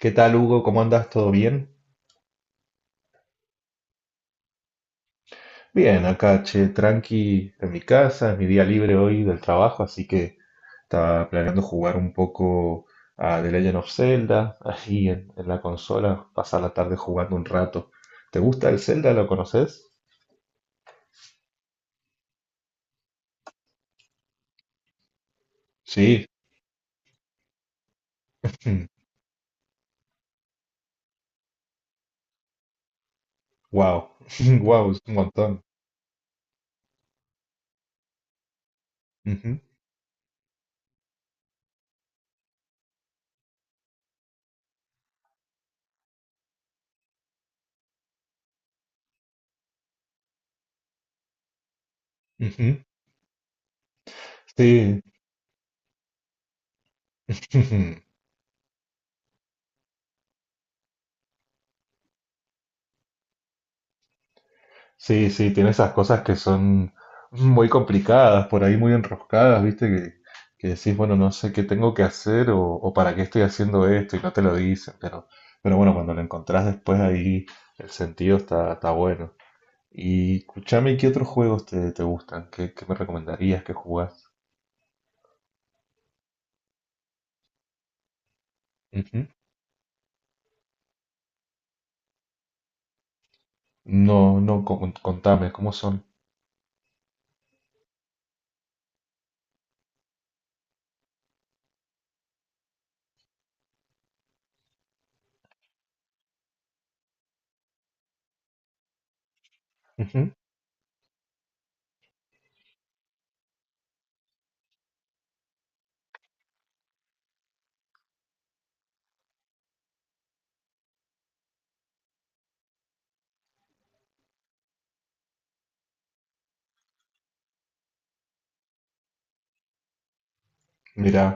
¿Qué tal, Hugo? ¿Cómo andas? ¿Todo bien? Bien, acá, che, tranqui en mi casa, es mi día libre hoy del trabajo, así que estaba planeando jugar un poco a The Legend of Zelda, ahí en la consola, pasar la tarde jugando un rato. ¿Te gusta el Zelda? ¿Lo conoces? Sí, wow, wow, es un montón. Ujú, ujú. Sí, sí, sí, tiene esas cosas que son muy complicadas, por ahí muy enroscadas, ¿viste? Que decís, bueno, no sé qué tengo que hacer o para qué estoy haciendo esto y no te lo dicen, pero bueno, cuando lo encontrás después ahí el sentido está bueno. Y escuchame, ¿qué otros juegos te gustan? ¿Qué me recomendarías que jugás? Ujú. No, no, contame, ¿cómo son? Ujú. Mirá.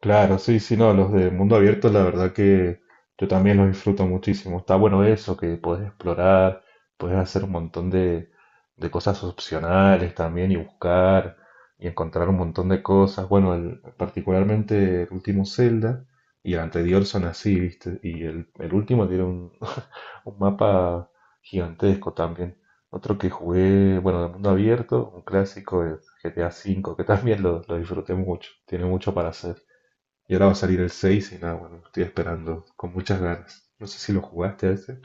Claro, sí, sí, no, los de mundo abierto, la verdad que yo también los disfruto muchísimo. Está bueno eso, que puedes explorar, puedes hacer un montón de cosas opcionales también y buscar y encontrar un montón de cosas. Bueno, particularmente el último Zelda y el anterior son así, ¿viste? Y el último tiene un, un mapa gigantesco también. Otro que jugué, bueno, de mundo abierto, un clásico, el GTA V, que también lo disfruté mucho, tiene mucho para hacer. Y ahora va a salir el 6 y nada, bueno, lo estoy esperando con muchas ganas. No sé si lo jugaste a ese.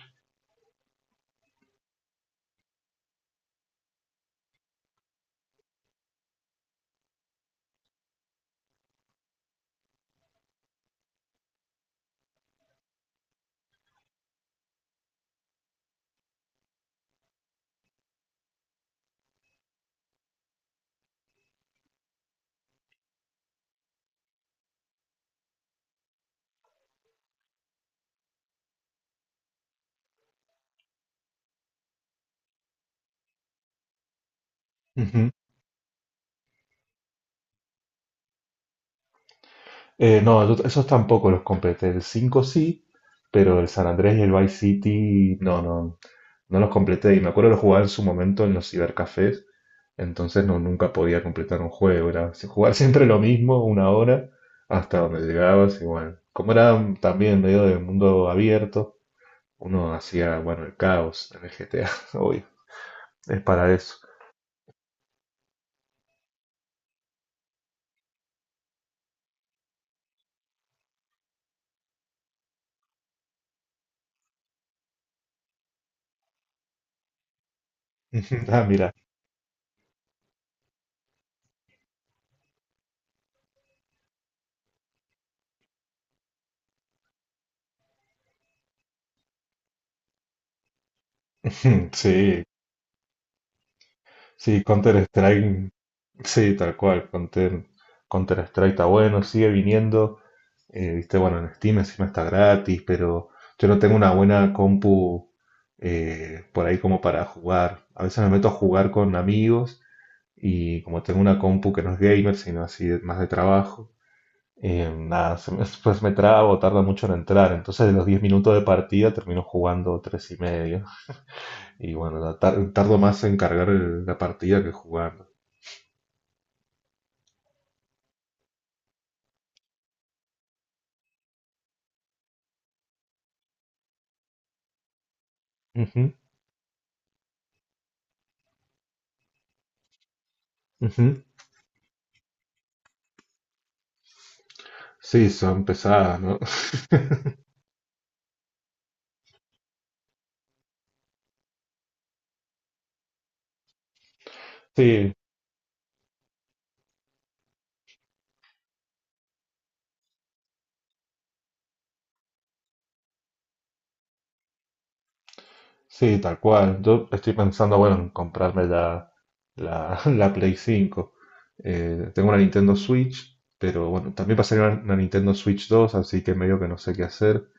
Ujú. No, esos tampoco los completé. El 5 sí, pero el San Andrés y el Vice City no, no, no los completé. Y me acuerdo que los jugaba en su momento en los cibercafés. Entonces no, nunca podía completar un juego. Era jugar siempre lo mismo, una hora, hasta donde llegabas. Y bueno, como era también medio del mundo abierto, uno hacía, bueno, el caos en el GTA, obvio. Es para eso. Ah, mira. Sí, sí, Counter-Strike, sí, tal cual, Counter-Strike está bueno, sigue viniendo, viste, bueno, en Steam encima está gratis, pero yo no tengo una buena compu por ahí como para jugar. A veces me meto a jugar con amigos y como tengo una compu que no es gamer, sino así más de trabajo, nada, después me trabo, tarda mucho en entrar, entonces de los 10 minutos de partida termino jugando 3 y medio. Y bueno, la tardo más en cargar la partida que jugar. Ujú, ujú. Sí, son pesadas, ¿no? Sí, sí, tal cual. Yo estoy pensando, bueno, en comprarme la, la Play 5. Tengo una Nintendo Switch pero bueno, también va a salir una Nintendo Switch 2 así que medio que no sé qué hacer.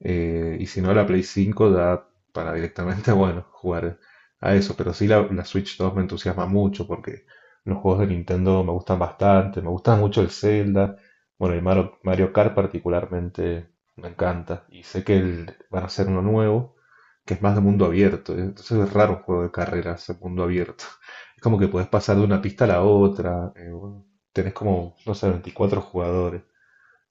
Y si no, la Play 5 da para directamente, bueno, jugar a eso. Pero sí, la Switch 2 me entusiasma mucho porque los juegos de Nintendo me gustan bastante. Me gusta mucho el Zelda. Bueno, el Mario, Mario Kart particularmente me encanta. Y sé que van a hacer uno nuevo que es más de mundo abierto. ¿Eh? Entonces es raro un juego de carreras en mundo abierto. Es como que puedes pasar de una pista a la otra. Bueno, tenés como, no sé, 24 jugadores.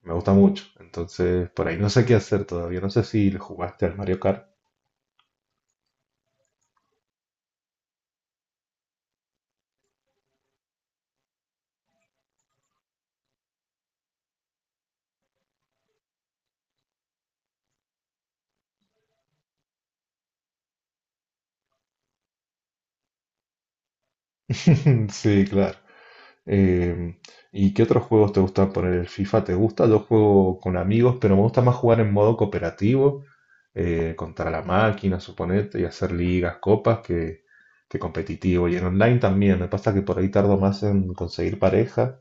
Me gusta mucho. Entonces, por ahí no sé qué hacer todavía. No sé si le jugaste al Mario Kart. Sí, claro. Eh, ¿Y qué otros juegos te gustan poner? ¿El FIFA te gusta? Yo juego con amigos, pero me gusta más jugar en modo cooperativo, contra la máquina, suponete, y hacer ligas, copas, que competitivo. Y en online también. Me pasa que por ahí tardo más en conseguir pareja,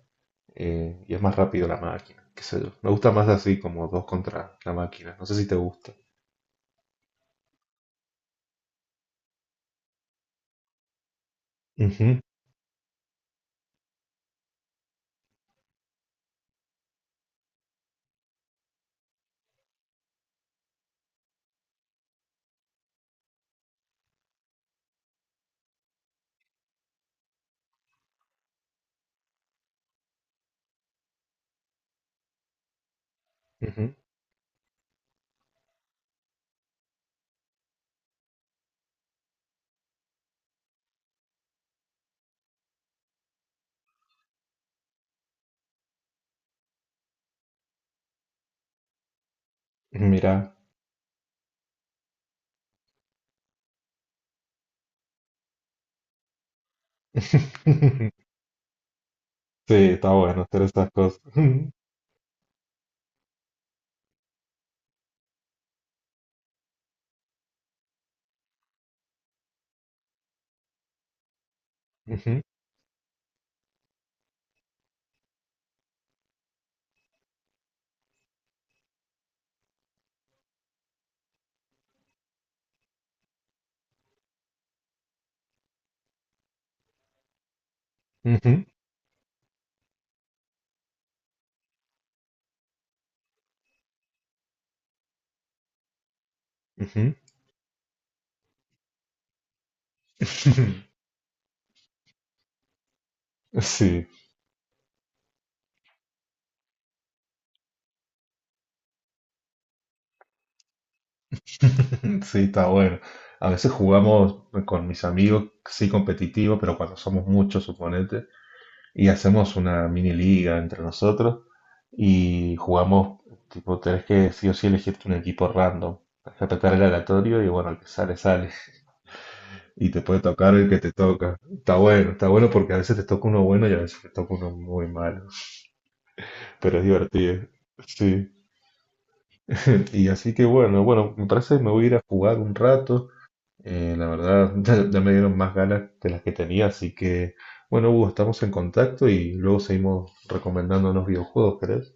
y es más rápido la máquina. Qué sé yo. Me gusta más así, como dos contra la máquina. No sé si te gusta. Ujú, ujú. Mira, sí, está bueno hacer estas cosas. Ujú, ujú, ujú, ujú. Sí, sí, está bueno. A veces jugamos con mis amigos, sí, competitivo, pero cuando somos muchos, suponete, y hacemos una mini liga entre nosotros y jugamos, tipo, tenés que sí o sí elegirte un equipo random, tenés que apretar el aleatorio y bueno, el que sale, sale. Y te puede tocar el que te toca. Está bueno porque a veces te toca uno bueno y a veces te toca uno muy malo. Pero es divertido. Sí. Y así que bueno, bueno, me parece que me voy a ir a jugar un rato. La verdad, ya, ya me dieron más ganas de las que tenía, así que bueno, Hugo, estamos en contacto y luego seguimos recomendándonos videojuegos, ¿querés?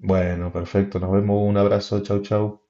Bueno, perfecto, nos vemos, un abrazo, chau, chau.